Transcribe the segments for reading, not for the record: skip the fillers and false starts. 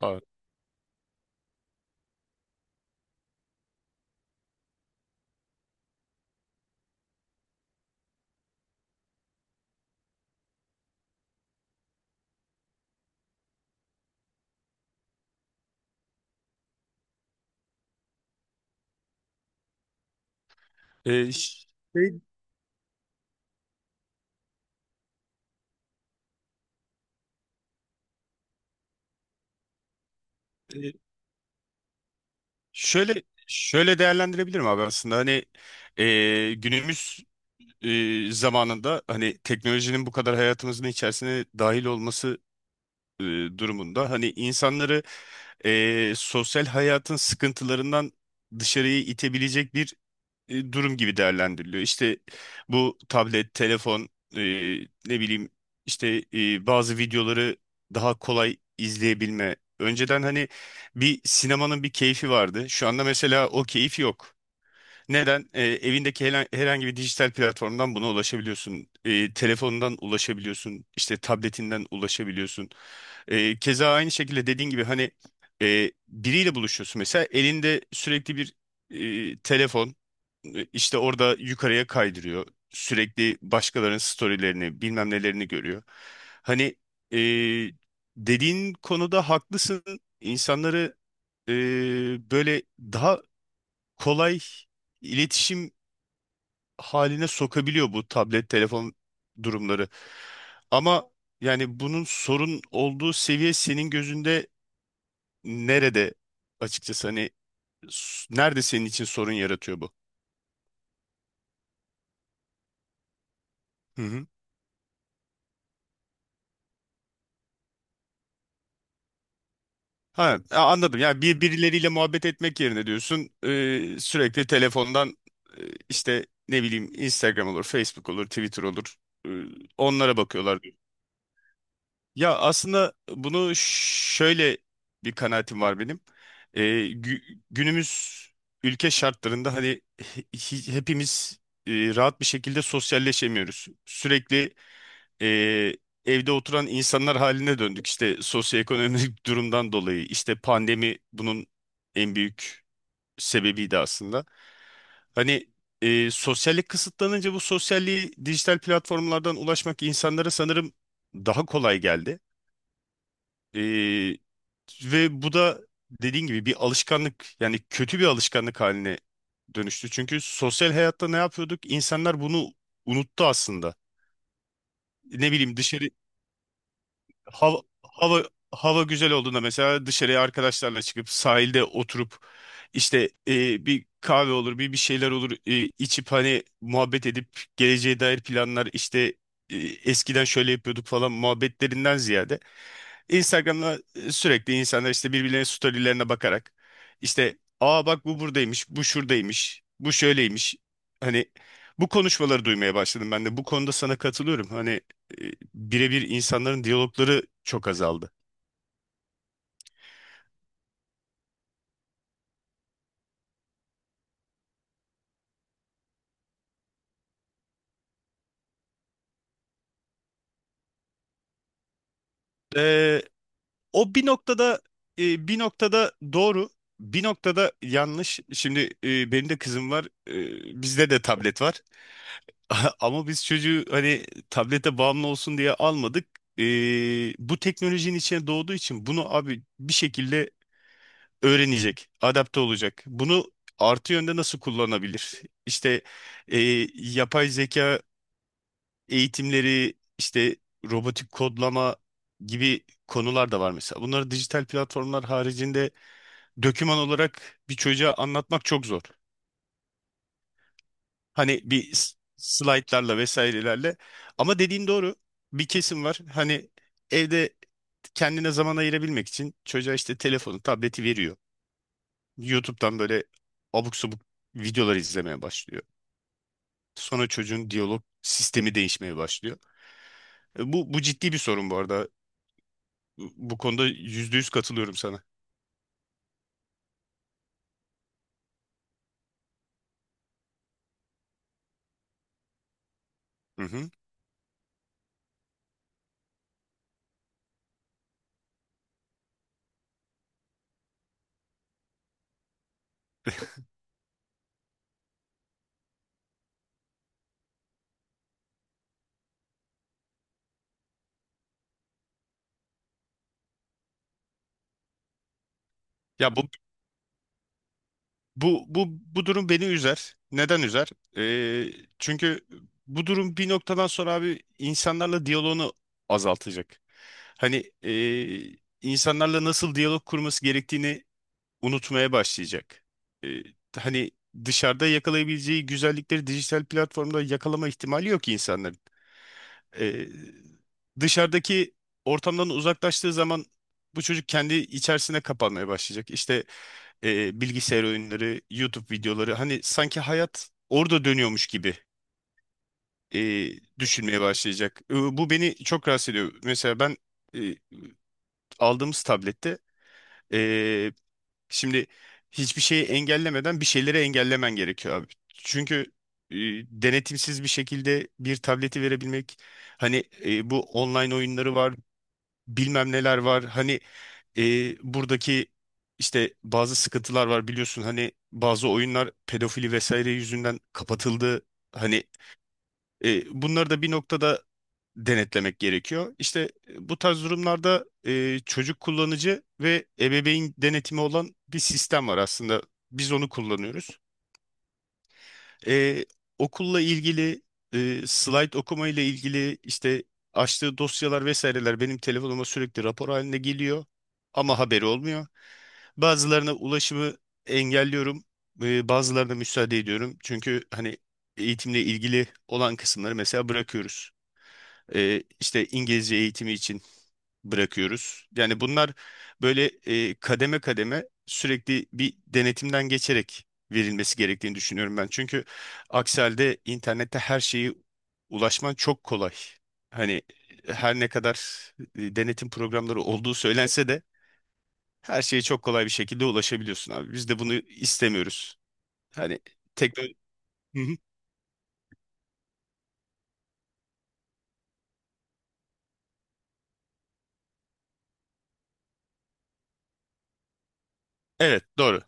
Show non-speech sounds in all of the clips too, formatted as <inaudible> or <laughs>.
Abi. Ee, ş- e, şöyle şöyle değerlendirebilirim abi, aslında hani, günümüz zamanında hani teknolojinin bu kadar hayatımızın içerisine dahil olması e, durumunda, hani insanları sosyal hayatın sıkıntılarından dışarıya itebilecek bir durum gibi değerlendiriliyor. İşte bu tablet, telefon, e, ne bileyim işte bazı videoları daha kolay izleyebilme. Önceden hani bir sinemanın bir keyfi vardı. Şu anda mesela o keyif yok. Neden? Evindeki herhangi bir dijital platformdan buna ulaşabiliyorsun. Telefonundan ulaşabiliyorsun. İşte tabletinden ulaşabiliyorsun. Keza aynı şekilde dediğin gibi, hani biriyle buluşuyorsun. Mesela elinde sürekli bir telefon, işte orada yukarıya kaydırıyor. Sürekli başkalarının storylerini, bilmem nelerini görüyor. Hani, e, dediğin konuda haklısın. İnsanları e, böyle daha kolay iletişim haline sokabiliyor bu tablet, telefon durumları. Ama yani bunun sorun olduğu seviye senin gözünde nerede, açıkçası hani nerede senin için sorun yaratıyor bu? Ha, anladım. Yani birileriyle muhabbet etmek yerine diyorsun, sürekli telefondan, e, işte ne bileyim Instagram olur, Facebook olur, Twitter olur. e, onlara bakıyorlar. Ya aslında bunu şöyle, bir kanaatim var benim. E, günümüz ülke şartlarında hani hepimiz rahat bir şekilde sosyalleşemiyoruz. Sürekli e, evde oturan insanlar haline döndük. İşte sosyoekonomik <laughs> durumdan dolayı, işte pandemi bunun en büyük sebebiydi aslında. Hani, sosyallik kısıtlanınca bu sosyalliği dijital platformlardan ulaşmak insanlara sanırım daha kolay geldi. E, ve bu da dediğin gibi bir alışkanlık, yani kötü bir alışkanlık haline dönüştü. Çünkü sosyal hayatta ne yapıyorduk? İnsanlar bunu unuttu aslında. Ne bileyim, dışarı hava, hava, hava güzel olduğunda mesela dışarıya arkadaşlarla çıkıp sahilde oturup, işte bir kahve olur, bir şeyler olur, içip hani muhabbet edip, geleceğe dair planlar işte, eskiden şöyle yapıyorduk falan muhabbetlerinden ziyade Instagram'da, sürekli insanlar işte birbirlerinin storylerine bakarak, işte aa, bak bu buradaymış, bu şuradaymış, bu şöyleymiş. Hani bu konuşmaları duymaya başladım ben de. Bu konuda sana katılıyorum. Hani, birebir insanların diyalogları çok azaldı. Ee, o bir noktada, bir noktada doğru, bir noktada yanlış. Şimdi, benim de kızım var, bizde de tablet var. <laughs> Ama biz çocuğu, hani tablete bağımlı olsun diye almadık. Bu teknolojinin içine doğduğu için bunu abi bir şekilde öğrenecek, adapte olacak. Bunu artı yönde nasıl kullanabilir? İşte e, yapay zeka eğitimleri, işte robotik kodlama gibi konular da var mesela. Bunları dijital platformlar haricinde döküman olarak bir çocuğa anlatmak çok zor. Hani bir slaytlarla vesairelerle. Ama dediğin doğru. Bir kesim var. Hani, evde kendine zaman ayırabilmek için çocuğa işte telefonu, tableti veriyor. YouTube'dan böyle abuk subuk videolar izlemeye başlıyor. Sonra çocuğun diyalog sistemi değişmeye başlıyor. Bu ciddi bir sorun bu arada. Bu konuda %100 katılıyorum sana. Hı hı. Ya bu bu durum beni üzer. Neden üzer? Ee, çünkü bu durum bir noktadan sonra abi, insanlarla diyaloğunu azaltacak. Hani, insanlarla nasıl diyalog kurması gerektiğini unutmaya başlayacak. Ee, hani dışarıda yakalayabileceği güzellikleri dijital platformda yakalama ihtimali yok insanların. Ee, dışarıdaki ortamdan uzaklaştığı zaman bu çocuk kendi içerisine kapanmaya başlayacak. İşte, bilgisayar oyunları, YouTube videoları, hani sanki hayat orada dönüyormuş gibi e, düşünmeye başlayacak. Bu beni çok rahatsız ediyor. Mesela ben, e, aldığımız tablette, e, şimdi hiçbir şeyi engellemeden bir şeyleri engellemen gerekiyor abi. Çünkü e, denetimsiz bir şekilde bir tableti verebilmek, hani bu online oyunları var, bilmem neler var. Hani buradaki işte bazı sıkıntılar var, biliyorsun hani bazı oyunlar pedofili vesaire yüzünden kapatıldı. Hani bunları da bir noktada denetlemek gerekiyor. İşte bu tarz durumlarda, çocuk kullanıcı ve ebeveyn denetimi olan bir sistem var aslında. Biz onu kullanıyoruz. E, okulla ilgili, slide okuma ile ilgili işte açtığı dosyalar vesaireler benim telefonuma sürekli rapor haline geliyor ama haberi olmuyor. Bazılarına ulaşımı engelliyorum, bazılarına müsaade ediyorum. Çünkü hani, eğitimle ilgili olan kısımları mesela bırakıyoruz. E, işte İngilizce eğitimi için bırakıyoruz. Yani bunlar böyle, kademe kademe sürekli bir denetimden geçerek verilmesi gerektiğini düşünüyorum ben. Çünkü aksi halde internette her şeyi ulaşman çok kolay. Hani her ne kadar denetim programları olduğu söylense de her şeye çok kolay bir şekilde ulaşabiliyorsun abi. Biz de bunu istemiyoruz. Hani teknoloji... Evet, doğru.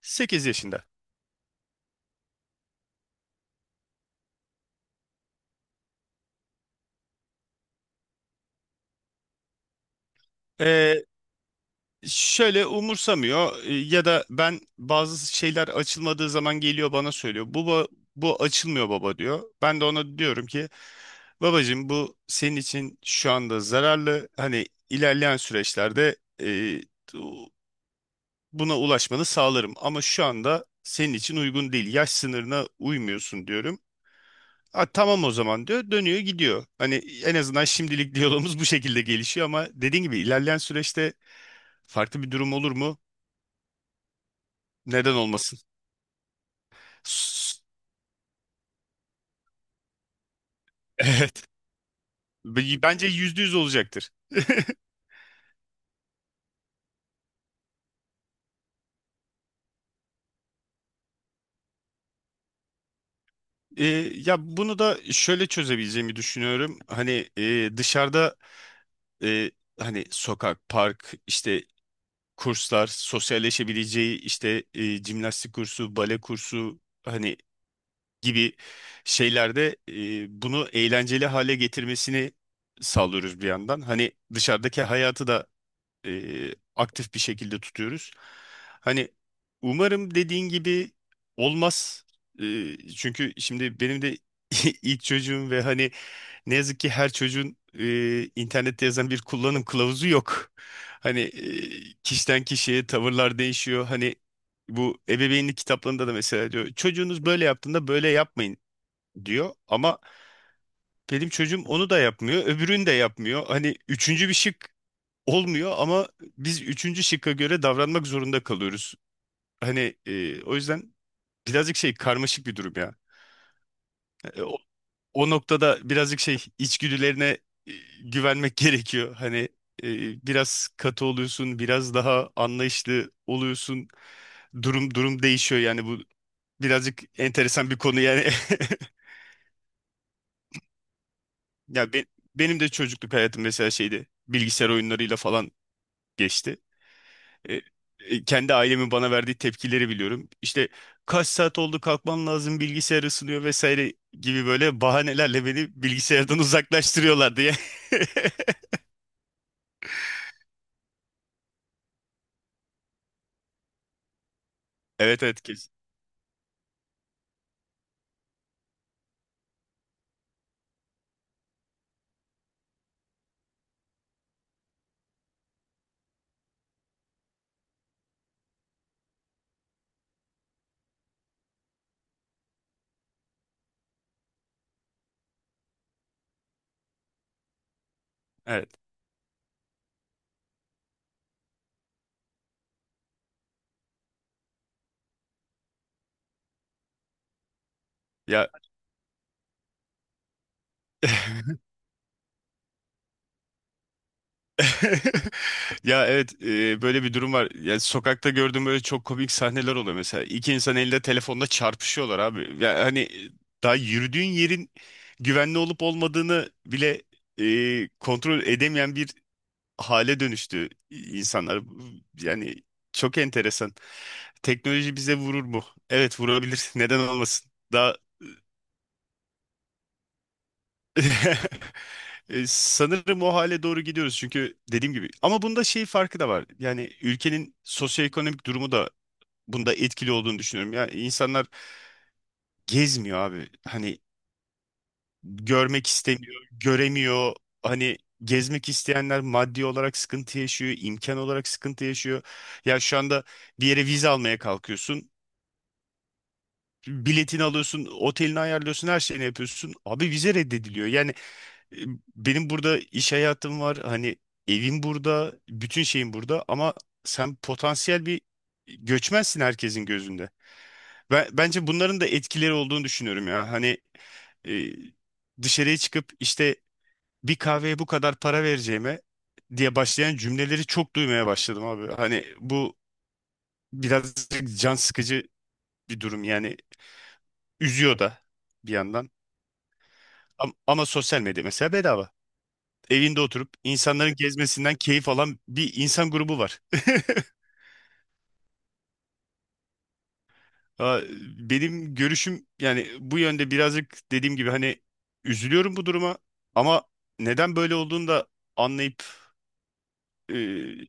8 yaşında. Ee, şöyle umursamıyor, ya da ben bazı şeyler açılmadığı zaman geliyor bana söylüyor. Bu açılmıyor baba diyor. Ben de ona diyorum ki, babacığım bu senin için şu anda zararlı. Hani ilerleyen süreçlerde, bu- buna ulaşmanı sağlarım ama şu anda senin için uygun değil. Yaş sınırına uymuyorsun diyorum. "A, tamam o zaman diyor. Dönüyor gidiyor. Hani en azından şimdilik <laughs> diyalogumuz bu şekilde gelişiyor, ama dediğin gibi ilerleyen süreçte farklı bir durum olur mu? Neden olmasın? S- <laughs> Evet. Bence %100 olacaktır. <laughs> E, ya bunu da şöyle çözebileceğimi düşünüyorum. Hani dışarıda, e, hani sokak, park, işte kurslar, sosyalleşebileceği işte, jimnastik kursu, bale kursu, hani gibi şeylerde, bunu eğlenceli hale getirmesini sağlıyoruz bir yandan. Hani dışarıdaki hayatı da aktif bir şekilde tutuyoruz. Hani umarım dediğin gibi olmaz. Çünkü şimdi benim de <laughs> ilk çocuğum, ve hani ne yazık ki her çocuğun internette yazan bir kullanım kılavuzu yok. Hani kişiden kişiye tavırlar değişiyor. Hani bu ebeveynlik kitaplarında da mesela diyor çocuğunuz böyle yaptığında böyle yapmayın diyor, ama benim çocuğum onu da yapmıyor, öbürünü de yapmıyor. Hani üçüncü bir şık olmuyor, ama biz üçüncü şıkka göre davranmak zorunda kalıyoruz. Hani o yüzden birazcık şey, karmaşık bir durum ya. E, o, o noktada birazcık şey, içgüdülerine e, güvenmek <laughs> gerekiyor. Hani e, biraz katı oluyorsun, biraz daha anlayışlı oluyorsun. Durum durum değişiyor yani, bu birazcık enteresan bir konu yani. <laughs> Ya be- Benim de çocukluk hayatım mesela şeydi. Bilgisayar oyunlarıyla falan geçti. E, kendi ailemin bana verdiği tepkileri biliyorum. İşte kaç saat oldu, kalkman lazım, bilgisayar ısınıyor vesaire gibi böyle bahanelerle beni bilgisayardan uzaklaştırıyorlardı ya. <laughs> Evet, evet, kesin. Evet. Ya <laughs> <laughs> Ya, evet, böyle bir durum var. Ya sokakta gördüğüm böyle çok komik sahneler oluyor mesela. İki insan elinde telefonla çarpışıyorlar abi. Ya hani, daha yürüdüğün yerin güvenli olup olmadığını bile kontrol edemeyen bir hale dönüştü insanlar. Yani çok enteresan. Teknoloji bize vurur mu? Evet, vurabilir. Neden olmasın? Daha <laughs> Sanırım o hale doğru gidiyoruz, çünkü dediğim gibi, ama bunda şey farkı da var. Yani ülkenin sosyoekonomik durumu da bunda etkili olduğunu düşünüyorum. Ya insanlar gezmiyor abi. Hani görmek istemiyor, göremiyor. Hani gezmek isteyenler maddi olarak sıkıntı yaşıyor, imkan olarak sıkıntı yaşıyor. Ya şu anda bir yere vize almaya kalkıyorsun. Biletini alıyorsun, otelini ayarlıyorsun, her şeyini yapıyorsun. Abi vize reddediliyor. E, Benim burada iş hayatım var. Hani evim burada, bütün şeyim burada, ama sen potansiyel bir göçmensin herkesin gözünde. Ben, bence bunların da etkileri olduğunu düşünüyorum ya. Hani e, dışarıya çıkıp işte bir kahveye bu kadar para vereceğime diye başlayan cümleleri çok duymaya başladım abi. Hani bu biraz can sıkıcı bir durum yani, üzüyor da bir yandan. Ama sosyal medya mesela bedava. Evinde oturup insanların gezmesinden keyif alan bir insan grubu var. <laughs> Aa, benim görüşüm yani bu yönde, birazcık dediğim gibi hani üzülüyorum bu duruma, ama neden böyle olduğunu da anlayıp, e,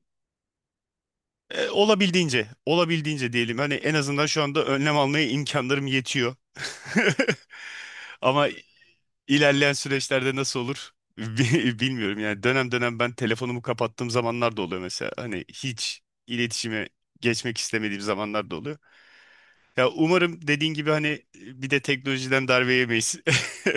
olabildiğince diyelim, hani en azından şu anda önlem almaya imkanlarım yetiyor. <laughs> Ama İlerleyen süreçlerde nasıl olur <laughs> bilmiyorum. Yani dönem dönem ben telefonumu kapattığım zamanlar da oluyor mesela. Hani hiç iletişime geçmek istemediğim zamanlar da oluyor. Ya umarım dediğin gibi hani bir de teknolojiden darbe yemeyiz. <laughs>